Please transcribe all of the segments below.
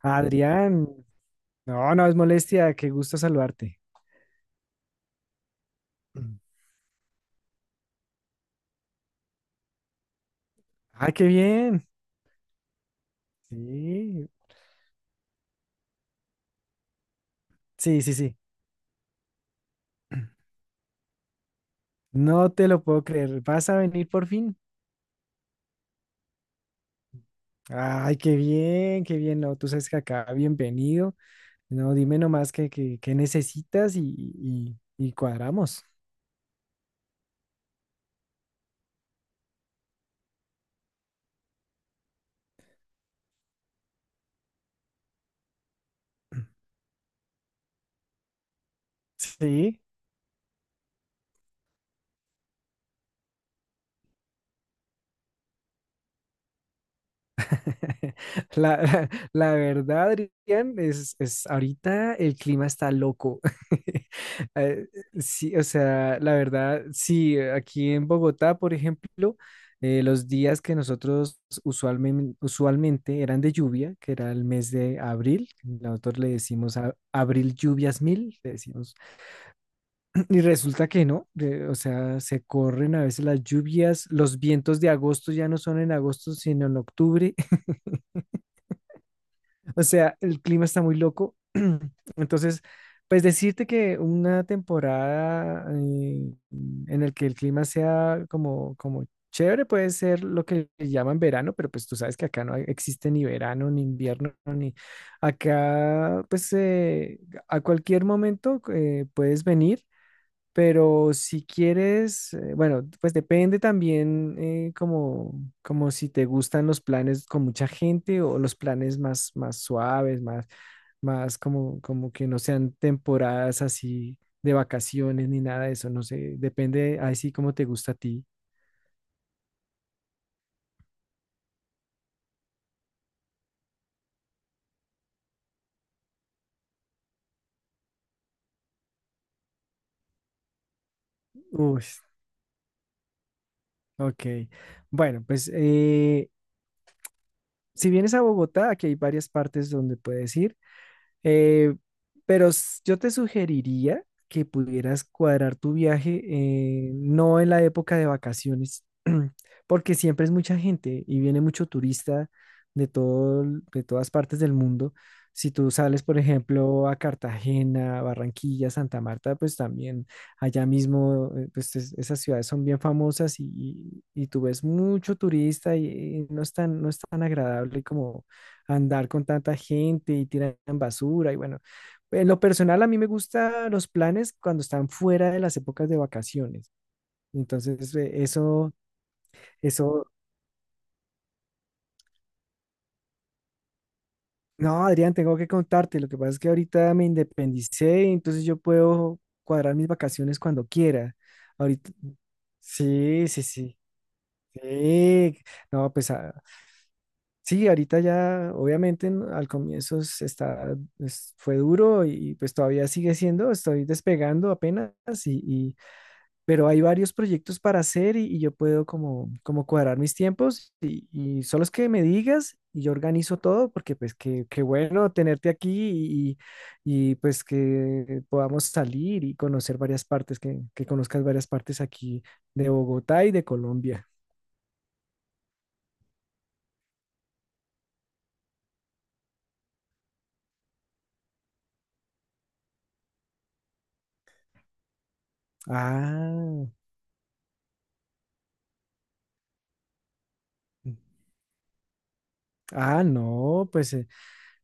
Adrián, no, no es molestia, qué gusto saludarte. Mm. Ah, qué bien. Sí, sí, sí, sí. No te lo puedo creer. ¿Vas a venir por fin? Ay, qué bien, qué bien. No, tú sabes que acá, bienvenido. No, dime nomás qué necesitas y cuadramos. Sí. La verdad, Adrián, es ahorita el clima está loco. Eh, sí, o sea, la verdad, sí, aquí en Bogotá, por ejemplo, los días que nosotros usualmente eran de lluvia, que era el mes de abril, nosotros abril lluvias mil, le decimos, y resulta que no, o sea, se corren a veces las lluvias, los vientos de agosto ya no son en agosto, sino en octubre. O sea, el clima está muy loco. Entonces, pues decirte que una temporada en el que el clima sea como chévere puede ser lo que le llaman verano, pero pues tú sabes que acá existe ni verano, ni invierno, ni acá, pues a cualquier momento puedes venir, pero si quieres, bueno, pues depende también como, como si te gustan los planes con mucha gente o los planes más, más suaves, más, más como que no sean temporadas así de vacaciones ni nada de eso, no sé, depende así como te gusta a ti. Uy, ok. Bueno, pues si vienes a Bogotá, aquí hay varias partes donde puedes ir. Eh, pero s- Yo te sugeriría que pudieras cuadrar tu viaje, no en la época de vacaciones, porque siempre es mucha gente y viene mucho turista de todo, de todas partes del mundo. Si tú sales, por ejemplo, a Cartagena, Barranquilla, Santa Marta, pues también allá mismo, pues esas ciudades son bien famosas y, y tú ves mucho turista y, no es tan, no es tan agradable andar con tanta gente y tiran basura y bueno, en lo personal a mí me gustan los planes cuando están fuera de las épocas de vacaciones. Entonces, eso, eso, no, Adrián, tengo que contarte, lo que pasa es que ahorita me independicé, entonces yo puedo cuadrar mis vacaciones cuando quiera. Ahorita, sí, sí, sí. Sí, no, Sí, ahorita ya, obviamente, al comienzo fue duro y pues todavía sigue siendo, estoy despegando apenas, y, y- pero hay varios proyectos para hacer y yo puedo como, como cuadrar mis tiempos y solo es que me digas y yo organizo todo porque pues qué, qué bueno tenerte aquí y, pues que podamos salir y conocer varias partes, que conozcas varias partes aquí de Bogotá y de Colombia. Ah, ah, no, pues...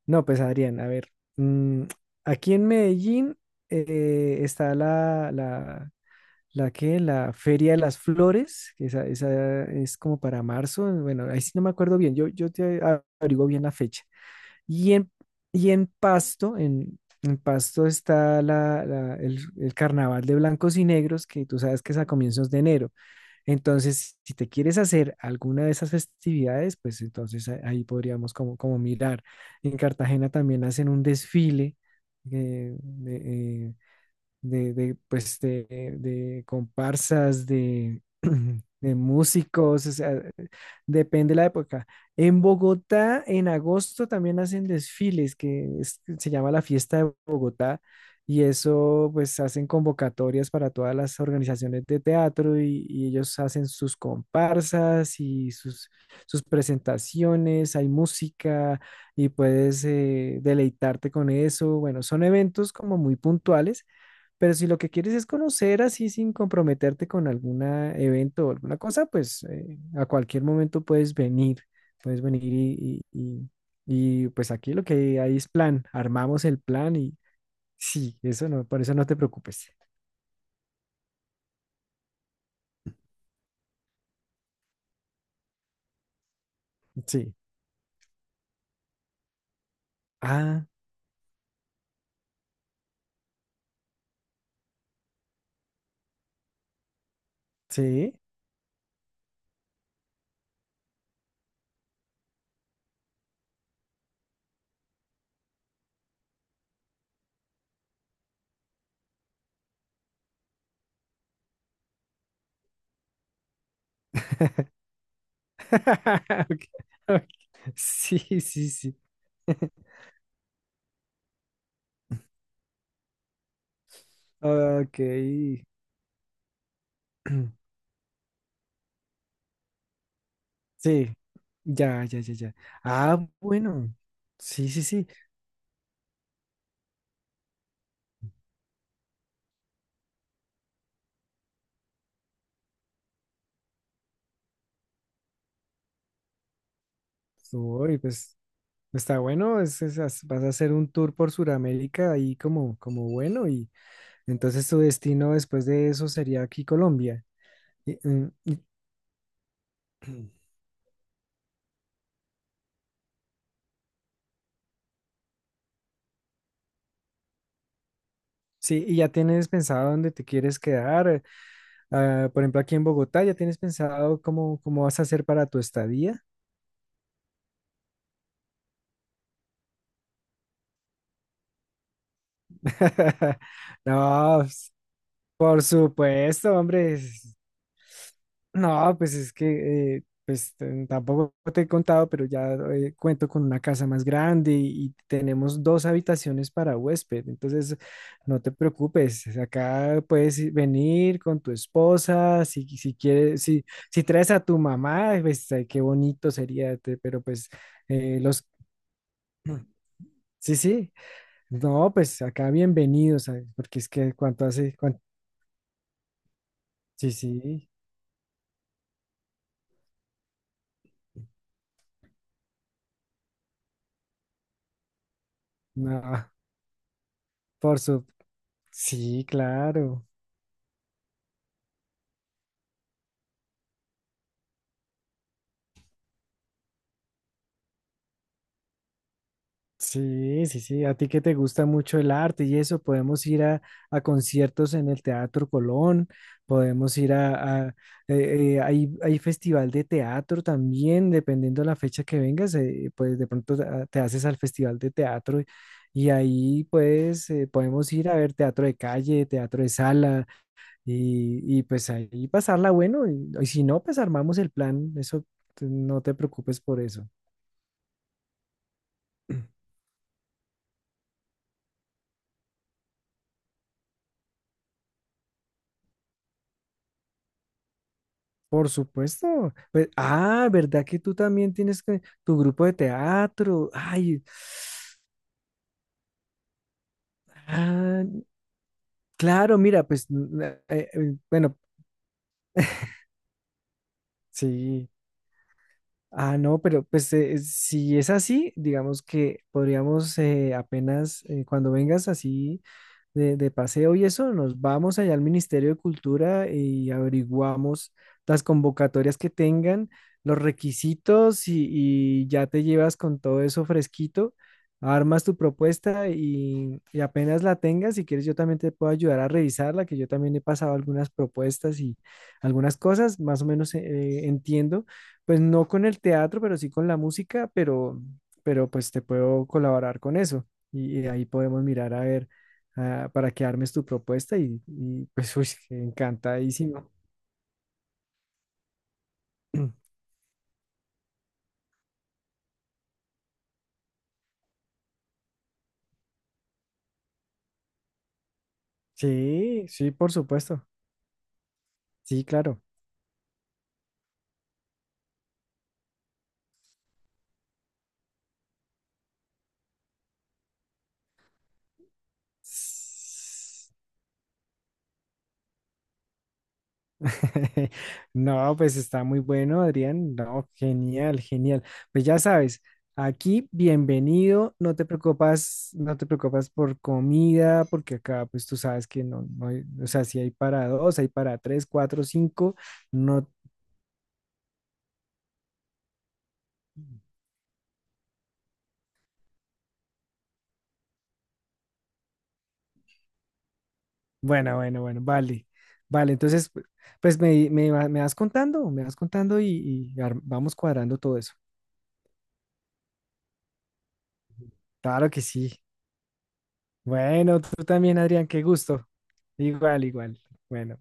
No, pues Adrián, a ver, mm, aquí en Medellín está la la Feria de las Flores, que esa es como para marzo, bueno, ahí sí no me acuerdo bien, yo, averiguo bien la fecha. Y en, y en Pasto, en Pasto está el Carnaval de Blancos y Negros, que tú sabes que es a comienzos de enero. Entonces, si te quieres hacer alguna de esas festividades, pues entonces ahí podríamos como, como mirar. En Cartagena también hacen un desfile eh, de, eh, de, de, pues, de, de comparsas, de, de músicos, o sea, depende la época. En Bogotá, en agosto también hacen desfiles, se llama la Fiesta de Bogotá, y eso, pues, hacen convocatorias para todas las organizaciones de teatro y ellos hacen sus comparsas y sus, sus presentaciones, hay música y puedes deleitarte con eso. Bueno, son eventos como muy puntuales pero si lo que quieres es conocer así sin comprometerte con algún evento o alguna cosa, pues a cualquier momento puedes venir y, pues aquí lo que hay es plan, armamos el plan y sí, eso no, por eso no te preocupes. Sí. Ah, sí. Ok, ok. Sí, sí, sí. Ok. Sí, ya, ya, ya, ya. Ah, bueno. Sí, sí, sí. Uy, pues... Está bueno, vas a hacer un tour por Sudamérica ahí como, como bueno y entonces tu destino después de eso sería aquí Colombia. Y, mm, y- sí, y ya tienes pensado dónde te quieres quedar. Ah, por ejemplo, aquí en Bogotá, ¿ya tienes pensado cómo, cómo vas a hacer para tu estadía? No, pues, por supuesto, hombre. No, pues es que pues tampoco te he contado, pero ya cuento con una casa más grande y tenemos dos habitaciones para huésped. Entonces, no te preocupes, acá venir con tu esposa, si, si quieres, si, si traes a tu mamá, pues ay, qué bonito sería, pero pues los... Sí, sí, no, pues acá bienvenidos, ay, porque es que cuánto hace, cuán- sí, sí, no, por su... Sí, claro. Sí, sí, sí. A ti que te gusta mucho el arte y eso, podemos ir a conciertos en el Teatro Colón, podemos ir hay, hay festival de teatro también, dependiendo de la fecha que vengas, pues de pronto te haces al festival de teatro y ahí pues podemos ir a ver teatro de calle, teatro de sala y pues ahí pasarla bueno y si no, pues armamos el plan, eso no te preocupes por eso. Por supuesto. Pues, ah, ¿verdad que tú también tienes que, tu grupo de teatro? Ay, ah, claro, mira, pues, bueno, sí. Ah, no, pero pues si es así, digamos que podríamos apenas cuando vengas así de paseo y eso, nos vamos allá al Ministerio de Cultura y averiguamos las convocatorias que tengan, los requisitos y ya te llevas con todo eso fresquito, armas tu propuesta y apenas la tengas, si quieres yo también te puedo ayudar a revisarla, que yo también he pasado algunas propuestas y algunas cosas, más o menos entiendo. Pues no con el teatro, pero sí con la música, pero pues te puedo colaborar con eso. Y ahí podemos mirar a ver para que armes tu propuesta y, pues uy, encantadísimo. Sí, sí, por supuesto. Sí, claro. No, pues está muy bueno, Adrián. No, genial, genial. Pues ya sabes, aquí bienvenido. No te preocupas, no te preocupas por comida, porque acá, pues tú sabes que no, no hay, o sea, si hay para dos, hay para tres, cuatro, cinco. No, bueno, bueno, bueno, vale, vale. Entonces, pues me vas contando vamos cuadrando todo eso. Claro que sí. Bueno, tú también, Adrián, qué gusto. Igual, igual. Bueno.